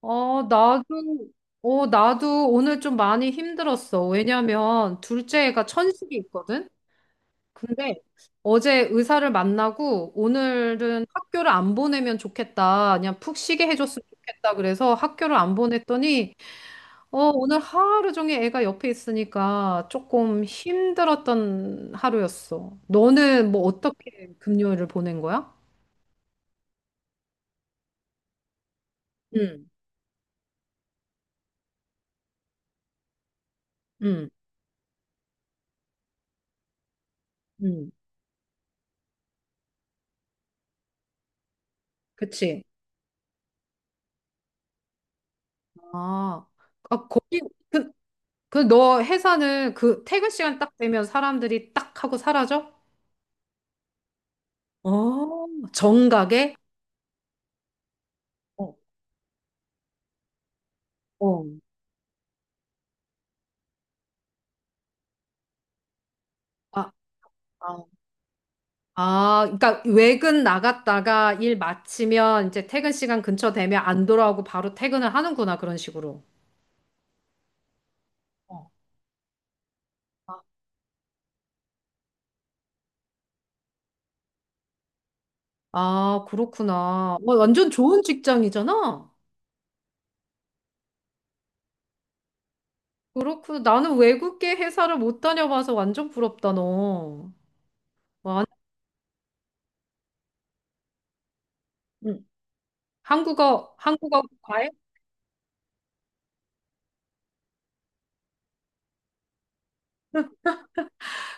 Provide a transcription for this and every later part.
어, 나도, 나도 오늘 좀 많이 힘들었어. 왜냐면 둘째 애가 천식이 있거든? 근데 어제 의사를 만나고 오늘은 학교를 안 보내면 좋겠다. 그냥 푹 쉬게 해줬으면 좋겠다. 그래서 학교를 안 보냈더니, 오늘 하루 종일 애가 옆에 있으니까 조금 힘들었던 하루였어. 너는 뭐 어떻게 금요일을 보낸 거야? 응. 응. 응. 그치. 아, 아, 그- 그 너 회사는 그 퇴근 시간 딱 되면 사람들이 딱 하고 사라져? 어, 정각에? 어. 어. 아, 아, 아, 그러니까 외근 나갔다가 일 마치면 이제 퇴근 시간 근처 되면 안 돌아오고 바로 퇴근을 하는구나, 그런 식으로. 어. 아, 그렇구나. 뭐 완전 좋은 직장이잖아. 그렇구나. 나는 외국계 회사를 못 다녀봐서 완전 부럽다, 너. 와, 응. 한국어.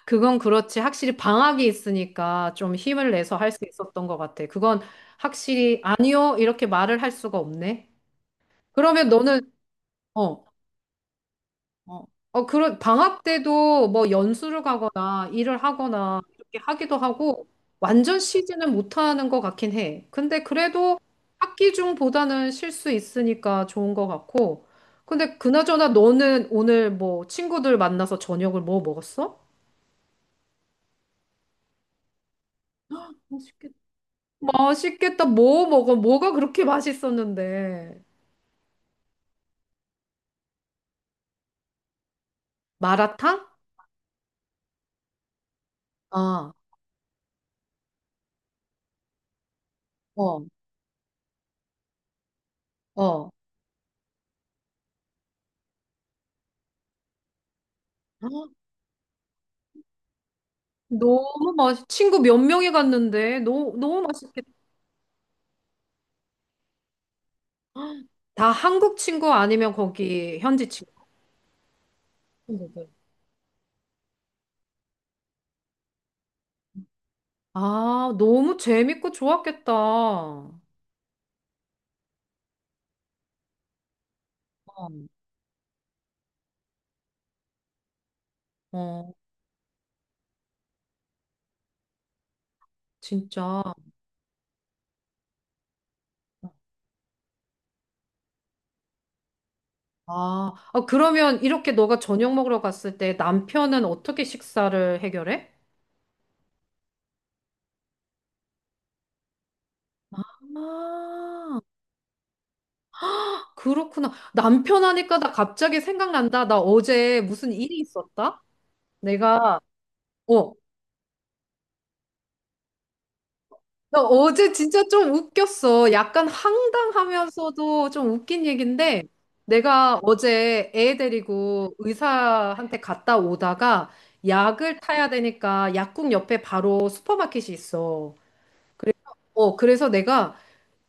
그건 그렇지. 확실히 방학이 있으니까 좀 힘을 내서 할 수 있었던 것 같아. 그건 확실히 아니요. 이렇게 말을 할 수가 없네. 그러면 너는, 어, 어, 그런 방학 때도 뭐 연수를 가거나 일을 하거나 이렇게 하기도 하고 완전 쉬지는 못하는 것 같긴 해. 근데 그래도 학기 중보다는 쉴 수 있으니까 좋은 것 같고. 근데 그나저나 너는 오늘 뭐 친구들 만나서 저녁을 뭐 먹었어? 맛있겠다. 뭐 먹어? 뭐가 그렇게 맛있었는데? 마라탕? 아. 어. 어. 친구 몇 명이 갔는데, 너무, 너무 맛있겠다. 다 한국 친구 아니면 거기 현지 친구. 친구들. 아, 너무 재밌고 좋았겠다. 어. 어. 진짜. 아, 아, 그러면 이렇게 너가 저녁 먹으러 갔을 때 남편은 어떻게 식사를 해결해? 아, 그렇구나. 남편 하니까 나 갑자기 생각난다. 나 어제 무슨 일이 있었다? 내가, 어, 나 어제 진짜 좀 웃겼어. 약간 황당하면서도 좀 웃긴 얘긴데, 내가 어제 애 데리고 의사한테 갔다 오다가 약을 타야 되니까 약국 옆에 바로 슈퍼마켓이 있어. 그래, 그래서 내가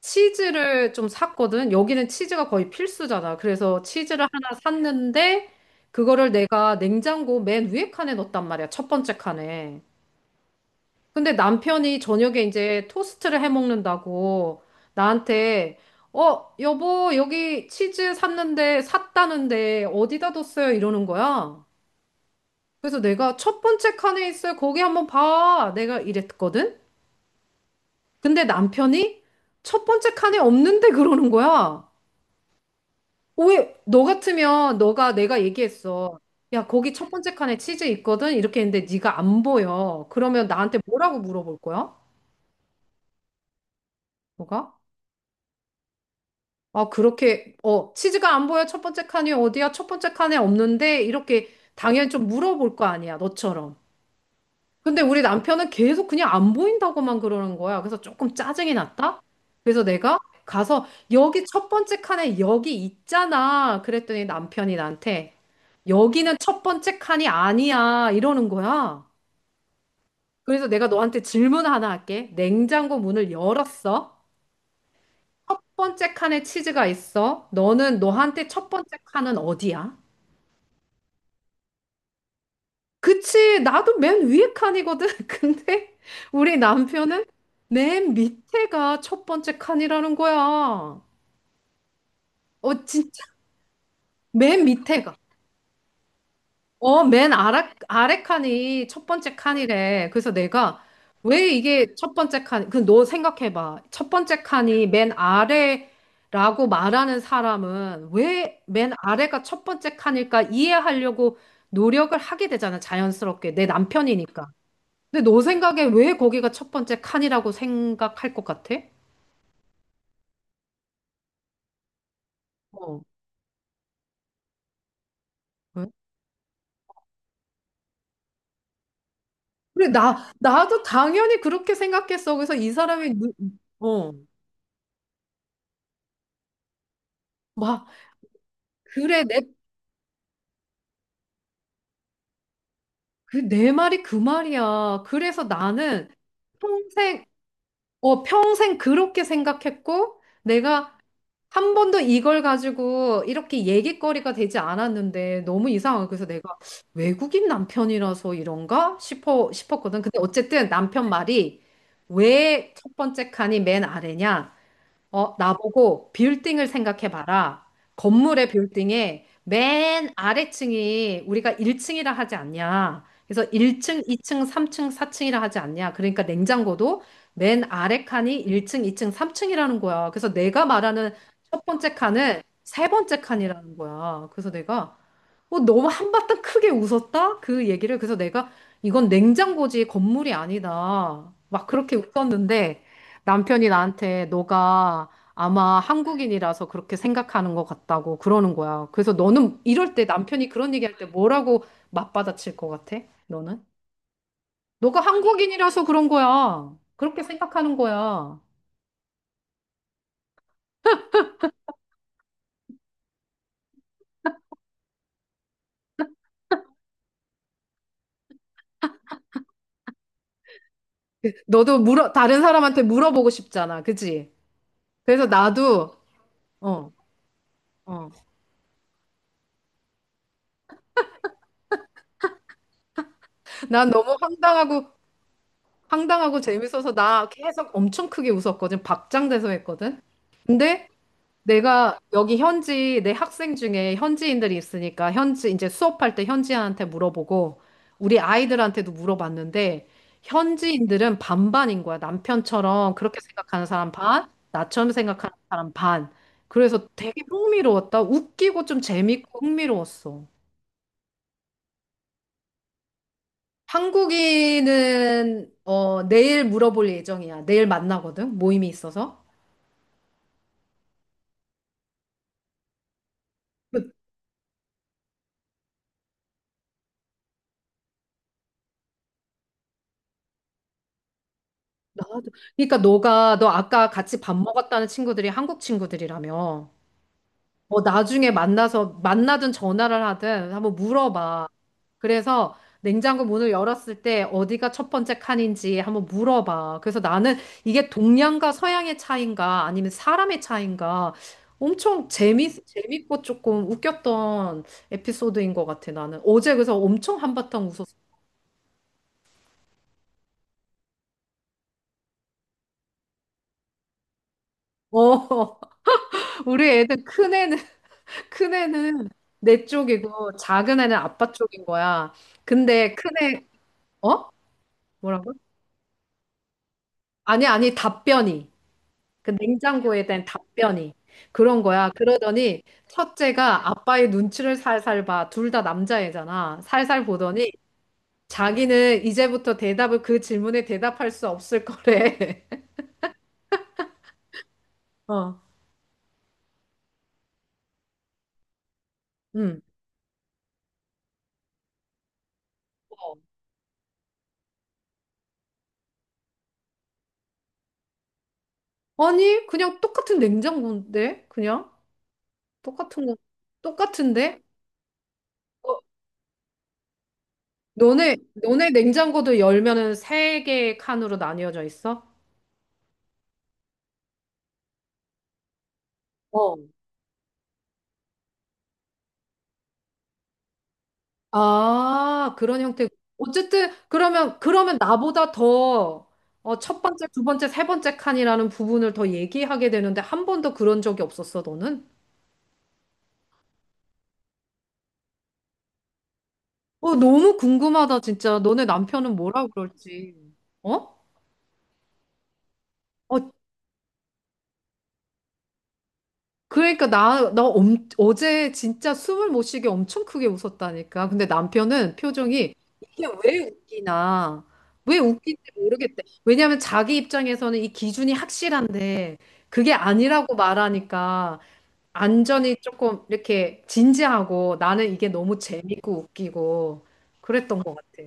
치즈를 좀 샀거든. 여기는 치즈가 거의 필수잖아. 그래서 치즈를 하나 샀는데 그거를 내가 냉장고 맨 위에 칸에 넣었단 말이야. 첫 번째 칸에. 근데 남편이 저녁에 이제 토스트를 해 먹는다고 나한테 여보, 여기 치즈 샀는데 샀다는데 어디다 뒀어요? 이러는 거야. 그래서 내가 첫 번째 칸에 있어요. 거기 한번 봐. 내가 이랬거든. 근데 남편이 첫 번째 칸에 없는데 그러는 거야. 왜, 너 같으면 너가 내가 얘기했어. 야, 거기 첫 번째 칸에 치즈 있거든? 이렇게 했는데 네가 안 보여. 그러면 나한테 뭐라고 물어볼 거야? 너가? 아, 그렇게, 치즈가 안 보여. 첫 번째 칸이 어디야? 첫 번째 칸에 없는데? 이렇게 당연히 좀 물어볼 거 아니야, 너처럼. 근데 우리 남편은 계속 그냥 안 보인다고만 그러는 거야. 그래서 조금 짜증이 났다? 그래서 내가 가서 여기 첫 번째 칸에 여기 있잖아. 그랬더니 남편이 나한테 여기는 첫 번째 칸이 아니야. 이러는 거야. 그래서 내가 너한테 질문 하나 할게. 냉장고 문을 열었어. 첫 번째 칸에 치즈가 있어. 너는 너한테 첫 번째 칸은 어디야? 그치, 나도 맨 위에 칸이거든. 근데 우리 남편은 맨 밑에가 첫 번째 칸이라는 거야. 어, 진짜? 맨 밑에가. 맨 아래 칸이 첫 번째 칸이래. 그래서 내가 왜 이게 첫 번째 칸, 그 너 생각해봐. 첫 번째 칸이 맨 아래라고 말하는 사람은 왜 맨 아래가 첫 번째 칸일까 이해하려고 노력을 하게 되잖아, 자연스럽게. 내 남편이니까. 근데 너 생각에 왜 거기가 첫 번째 칸이라고 생각할 것 같아? 어. 응? 그래, 나도 당연히 그렇게 생각했어. 그래서 이 사람이, 어, 막, 그래, 내, 내 말이 그 말이야. 그래서 나는 평생, 평생 그렇게 생각했고, 내가 한 번도 이걸 가지고 이렇게 얘기거리가 되지 않았는데 너무 이상하고 그래서 내가 외국인 남편이라서 이런가 싶어 싶었거든. 근데 어쨌든 남편 말이 왜 첫 번째 칸이 맨 아래냐? 나보고 빌딩을 생각해봐라. 건물의 빌딩에 맨 아래층이 우리가 1층이라 하지 않냐. 그래서 1층, 2층, 3층, 4층이라 하지 않냐. 그러니까 냉장고도 맨 아래 칸이 1층, 2층, 3층이라는 거야. 그래서 내가 말하는 첫 번째 칸은 세 번째 칸이라는 거야. 그래서 내가, 너무 한바탕 크게 웃었다? 그 얘기를. 그래서 내가 이건 냉장고지 건물이 아니다. 막 그렇게 웃었는데 남편이 나한테 너가 아마 한국인이라서 그렇게 생각하는 것 같다고 그러는 거야. 그래서 너는 이럴 때 남편이 그런 얘기할 때 뭐라고 맞받아칠 것 같아? 너는? 너가 한국인이라서 그런 거야. 그렇게 생각하는 거야. 너도 물어, 다른 사람한테 물어보고 싶잖아. 그지? 그래서 나도. 어. 어. 난 너무 황당하고 재밌어서 나 계속 엄청 크게 웃었거든. 박장대소 했거든. 근데 내가 여기 현지 내 학생 중에 현지인들이 있으니까 현지 이제 수업할 때 현지인한테 물어보고 우리 아이들한테도 물어봤는데 현지인들은 반반인 거야. 남편처럼 그렇게 생각하는 사람 반, 나처럼 생각하는 사람 반. 그래서 되게 흥미로웠다. 웃기고 좀 재밌고 흥미로웠어. 한국인은 내일 물어볼 예정이야. 내일 만나거든. 모임이 있어서. 아, 그러니까 너가 너 아까 같이 밥 먹었다는 친구들이 한국 친구들이라며. 뭐 나중에 만나서 만나든 전화를 하든 한번 물어봐. 그래서 냉장고 문을 열었을 때 어디가 첫 번째 칸인지 한번 물어봐. 그래서 나는 이게 동양과 서양의 차이인가 아니면 사람의 차이인가 엄청 재미 재밌고 조금 웃겼던 에피소드인 것 같아 나는. 어제 그래서 엄청 한바탕 웃었어. 어, 우리 애들 큰 애는 큰애는 내 쪽이고 작은 애는 아빠 쪽인 거야. 근데 큰애. 어? 뭐라고? 아니, 아니, 답변이 그 냉장고에 대한 답변이 그런 거야. 그러더니 첫째가 아빠의 눈치를 살살 봐. 둘 다 남자애잖아. 살살 보더니 자기는 이제부터 대답을 그 질문에 대답할 수 없을 거래. 어. 음. 아니, 그냥 똑같은 냉장고인데 그냥 똑같은 거 똑같은데? 어, 너네, 너네 냉장고도 열면은 세 개의 칸으로 나뉘어져 있어? 어. 아, 그런 형태. 어쨌든, 그러면 나보다 더, 첫 번째, 두 번째, 세 번째 칸이라는 부분을 더 얘기하게 되는데, 한 번도 그런 적이 없었어, 너는? 너무 궁금하다, 진짜. 너네 남편은 뭐라 그럴지. 어? 어, 그러니까 어제 진짜 숨을 못 쉬게 엄청 크게 웃었다니까. 근데 남편은 표정이 이게 왜 웃기나, 왜 웃긴지 모르겠대. 왜냐하면 자기 입장에서는 이 기준이 확실한데 그게 아니라고 말하니까 안전이 조금 이렇게 진지하고 나는 이게 너무 재밌고 웃기고 그랬던 것 같아.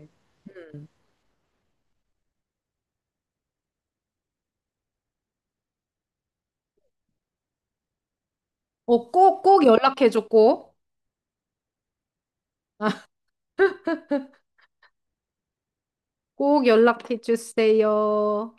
꼭, 꼭 연락해줘, 꼭. 꼭 연락해주세요.